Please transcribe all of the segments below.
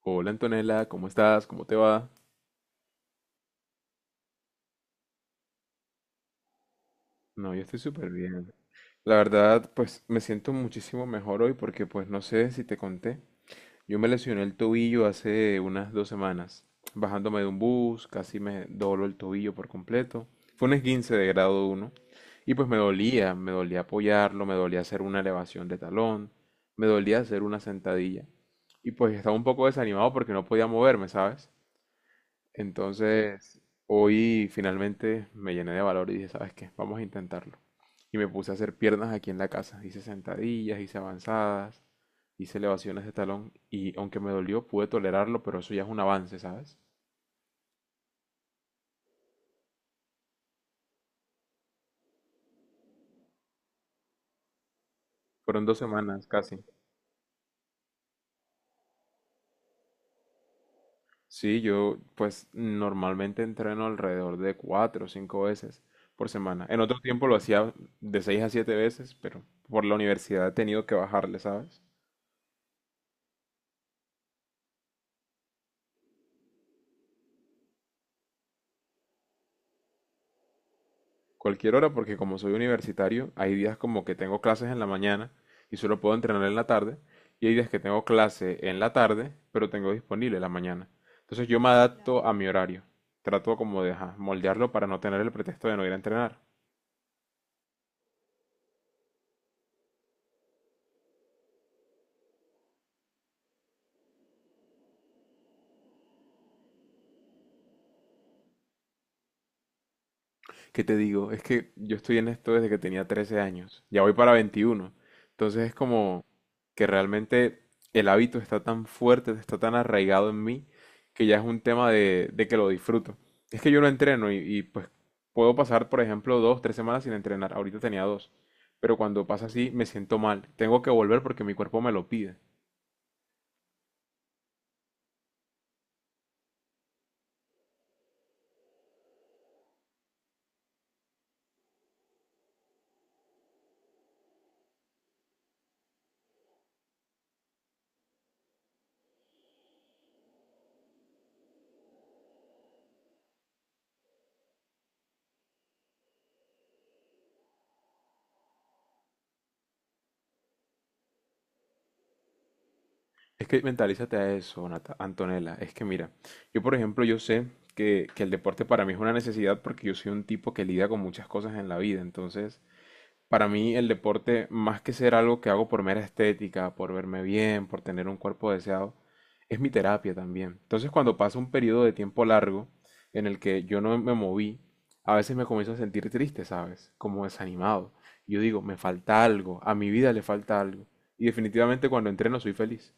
Hola Antonella, ¿cómo estás? ¿Cómo te va? No, yo estoy súper bien. La verdad, pues me siento muchísimo mejor hoy porque pues no sé si te conté. Yo me lesioné el tobillo hace unas dos semanas. Bajándome de un bus, casi me dobló el tobillo por completo. Fue un esguince de grado uno y pues me dolía apoyarlo, me dolía hacer una elevación de talón, me dolía hacer una sentadilla. Y pues estaba un poco desanimado porque no podía moverme, ¿sabes? Entonces, hoy finalmente me llené de valor y dije, ¿sabes qué? Vamos a intentarlo. Y me puse a hacer piernas aquí en la casa. Hice sentadillas, hice avanzadas, hice elevaciones de talón y aunque me dolió, pude tolerarlo, pero eso ya es un avance, ¿sabes? Fueron dos semanas casi. Sí, yo pues normalmente entreno alrededor de cuatro o cinco veces por semana. En otro tiempo lo hacía de seis a siete veces, pero por la universidad he tenido que bajarle, ¿sabes? Cualquier hora porque como soy universitario, hay días como que tengo clases en la mañana y solo puedo entrenar en la tarde, y hay días que tengo clase en la tarde, pero tengo disponible la mañana. Entonces yo me adapto a mi horario. Trato como de ajá, moldearlo para no tener el pretexto de no ir a entrenar. ¿Qué te digo? Es que yo estoy en esto desde que tenía 13 años. Ya voy para 21. Entonces es como que realmente el hábito está tan fuerte, está tan arraigado en mí, que ya es un tema de que lo disfruto. Es que yo lo entreno pues puedo pasar, por ejemplo, dos, tres semanas sin entrenar. Ahorita tenía dos. Pero cuando pasa así, me siento mal. Tengo que volver porque mi cuerpo me lo pide. Es que mentalízate a eso, Antonella. Es que mira, yo por ejemplo, yo sé que el deporte para mí es una necesidad porque yo soy un tipo que lidia con muchas cosas en la vida. Entonces, para mí el deporte, más que ser algo que hago por mera estética, por verme bien, por tener un cuerpo deseado, es mi terapia también. Entonces, cuando pasa un periodo de tiempo largo en el que yo no me moví, a veces me comienzo a sentir triste, ¿sabes? Como desanimado. Yo digo, me falta algo, a mi vida le falta algo. Y definitivamente cuando entreno soy feliz.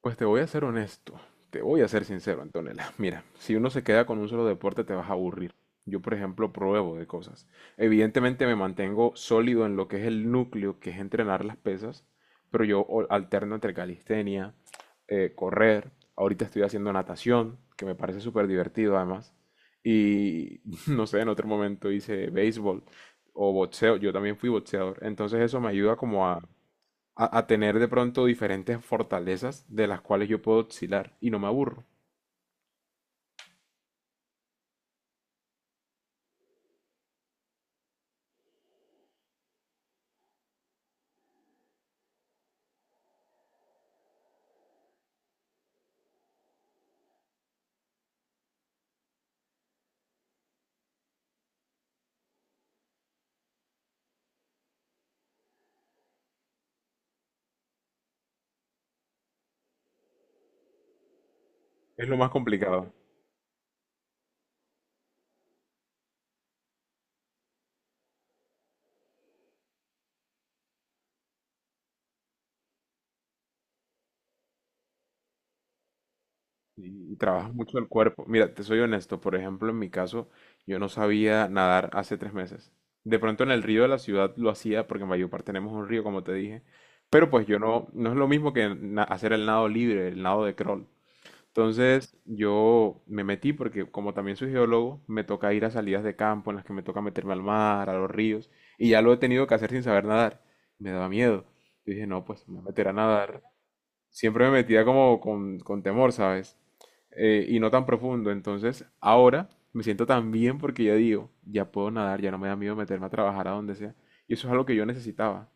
Pues te voy a ser honesto, te voy a ser sincero, Antonella. Mira, si uno se queda con un solo deporte te vas a aburrir. Yo, por ejemplo, pruebo de cosas. Evidentemente me mantengo sólido en lo que es el núcleo, que es entrenar las pesas, pero yo alterno entre calistenia, correr. Ahorita estoy haciendo natación, que me parece súper divertido además. Y no sé, en otro momento hice béisbol o boxeo. Yo también fui boxeador. Entonces eso me ayuda como a a tener de pronto diferentes fortalezas de las cuales yo puedo oscilar y no me aburro. Es lo más complicado. Y trabajas mucho el cuerpo. Mira, te soy honesto, por ejemplo, en mi caso, yo no sabía nadar hace tres meses. De pronto en el río de la ciudad lo hacía porque en Valledupar tenemos un río, como te dije. Pero pues yo no, no es lo mismo que hacer el nado libre, el nado de crawl. Entonces yo me metí porque como también soy geólogo, me toca ir a salidas de campo en las que me toca meterme al mar, a los ríos, y ya lo he tenido que hacer sin saber nadar. Me daba miedo. Yo dije, no, pues me voy a meter a nadar. Siempre me metía como con temor, ¿sabes? Y no tan profundo. Entonces ahora me siento tan bien porque ya digo, ya puedo nadar, ya no me da miedo meterme a trabajar a donde sea. Y eso es algo que yo necesitaba.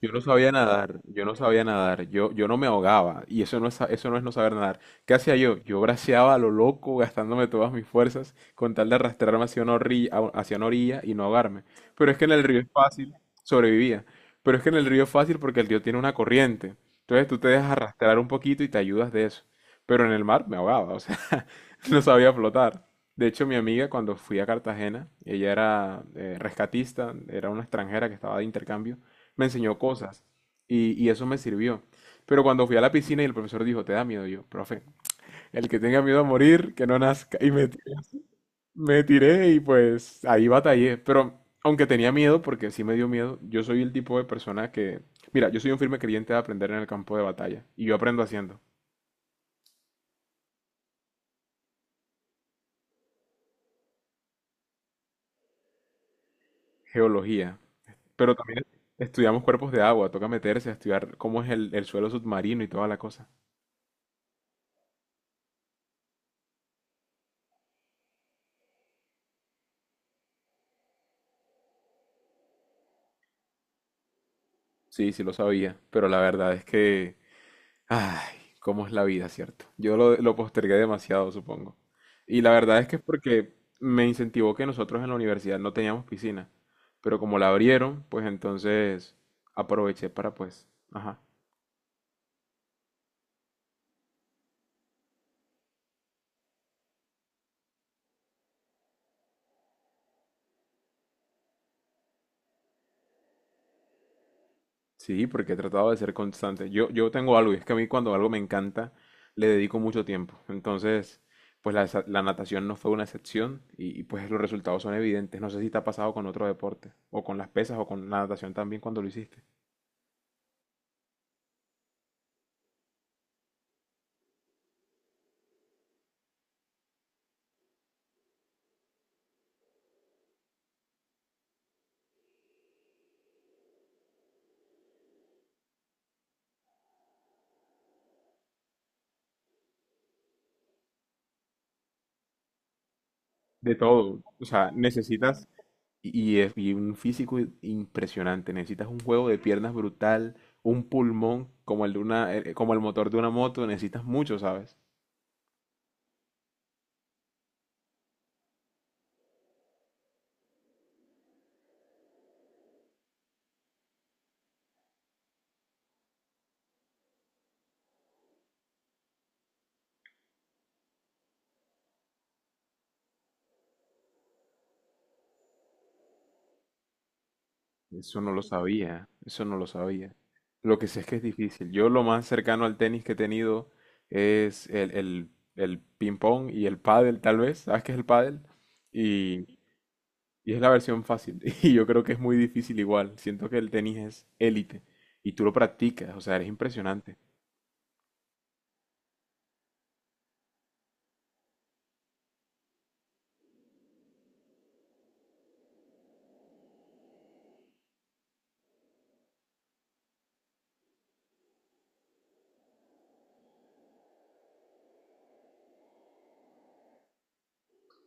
Yo no sabía nadar, yo no sabía nadar, yo no me ahogaba, y eso no es, eso no es no saber nadar. ¿Qué hacía yo? Yo braceaba a lo loco, gastándome todas mis fuerzas, con tal de arrastrarme hacia una orilla y no ahogarme. Pero es que en el río es fácil, sobrevivía. Pero es que en el río es fácil porque el río tiene una corriente. Entonces tú te dejas arrastrar un poquito y te ayudas de eso. Pero en el mar me ahogaba, o sea. No sabía flotar. De hecho, mi amiga cuando fui a Cartagena, ella era rescatista, era una extranjera que estaba de intercambio, me enseñó cosas y eso me sirvió. Pero cuando fui a la piscina y el profesor dijo, ¿te da miedo? Y yo, profe, el que tenga miedo a morir, que no nazca. Y me, me tiré y pues ahí batallé. Pero aunque tenía miedo, porque sí me dio miedo, yo soy el tipo de persona que, mira, yo soy un firme creyente de aprender en el campo de batalla y yo aprendo haciendo. Geología. Pero también estudiamos cuerpos de agua, toca meterse a estudiar cómo es el suelo submarino y toda la cosa. Sí, sí lo sabía, pero la verdad es que, ay, cómo es la vida, ¿cierto? Yo lo postergué demasiado, supongo. Y la verdad es que es porque me incentivó que nosotros en la universidad no teníamos piscina, pero como la abrieron, pues entonces aproveché para pues, ajá, sí, porque he tratado de ser constante. Yo tengo algo, y es que a mí cuando algo me encanta, le dedico mucho tiempo. Entonces, pues la, la natación no fue una excepción pues los resultados son evidentes. No sé si te ha pasado con otro deporte, o con las pesas, o con la natación también cuando lo hiciste. De todo, o sea, necesitas, y un físico impresionante, necesitas un juego de piernas brutal, un pulmón como el de una, como el motor de una moto, necesitas mucho, ¿sabes? Eso no lo sabía, eso no lo sabía. Lo que sé es que es difícil. Yo lo más cercano al tenis que he tenido es el ping pong y el pádel, tal vez. ¿Sabes qué es el pádel? Y, y es la versión fácil. Y yo creo que es muy difícil igual. Siento que el tenis es élite. Y tú lo practicas, o sea, eres impresionante.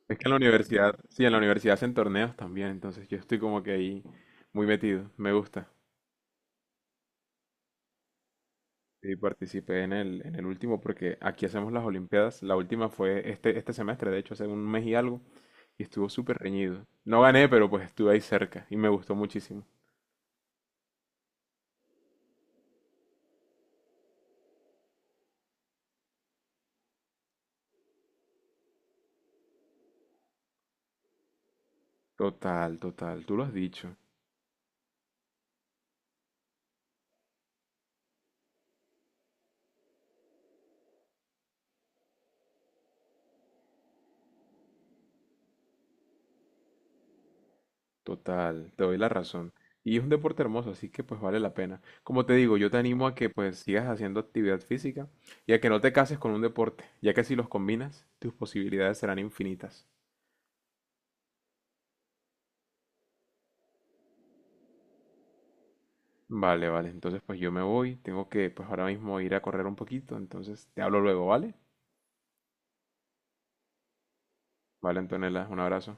Es que en la universidad, sí, en la universidad hacen torneos también, entonces yo estoy como que ahí muy metido. Me gusta. Sí, participé en en el último porque aquí hacemos las Olimpiadas. La última fue este semestre, de hecho, hace un mes y algo, y estuvo súper reñido. No gané, pero pues estuve ahí cerca y me gustó muchísimo. Total, total, tú lo has dicho, total, te doy la razón. Y es un deporte hermoso, así que pues vale la pena. Como te digo, yo te animo a que pues sigas haciendo actividad física y a que no te cases con un deporte, ya que si los combinas, tus posibilidades serán infinitas. Vale, vale. Entonces, pues yo me voy. Tengo que, pues ahora mismo ir a correr un poquito. Entonces, te hablo luego, ¿vale? Vale, Antonella, un abrazo.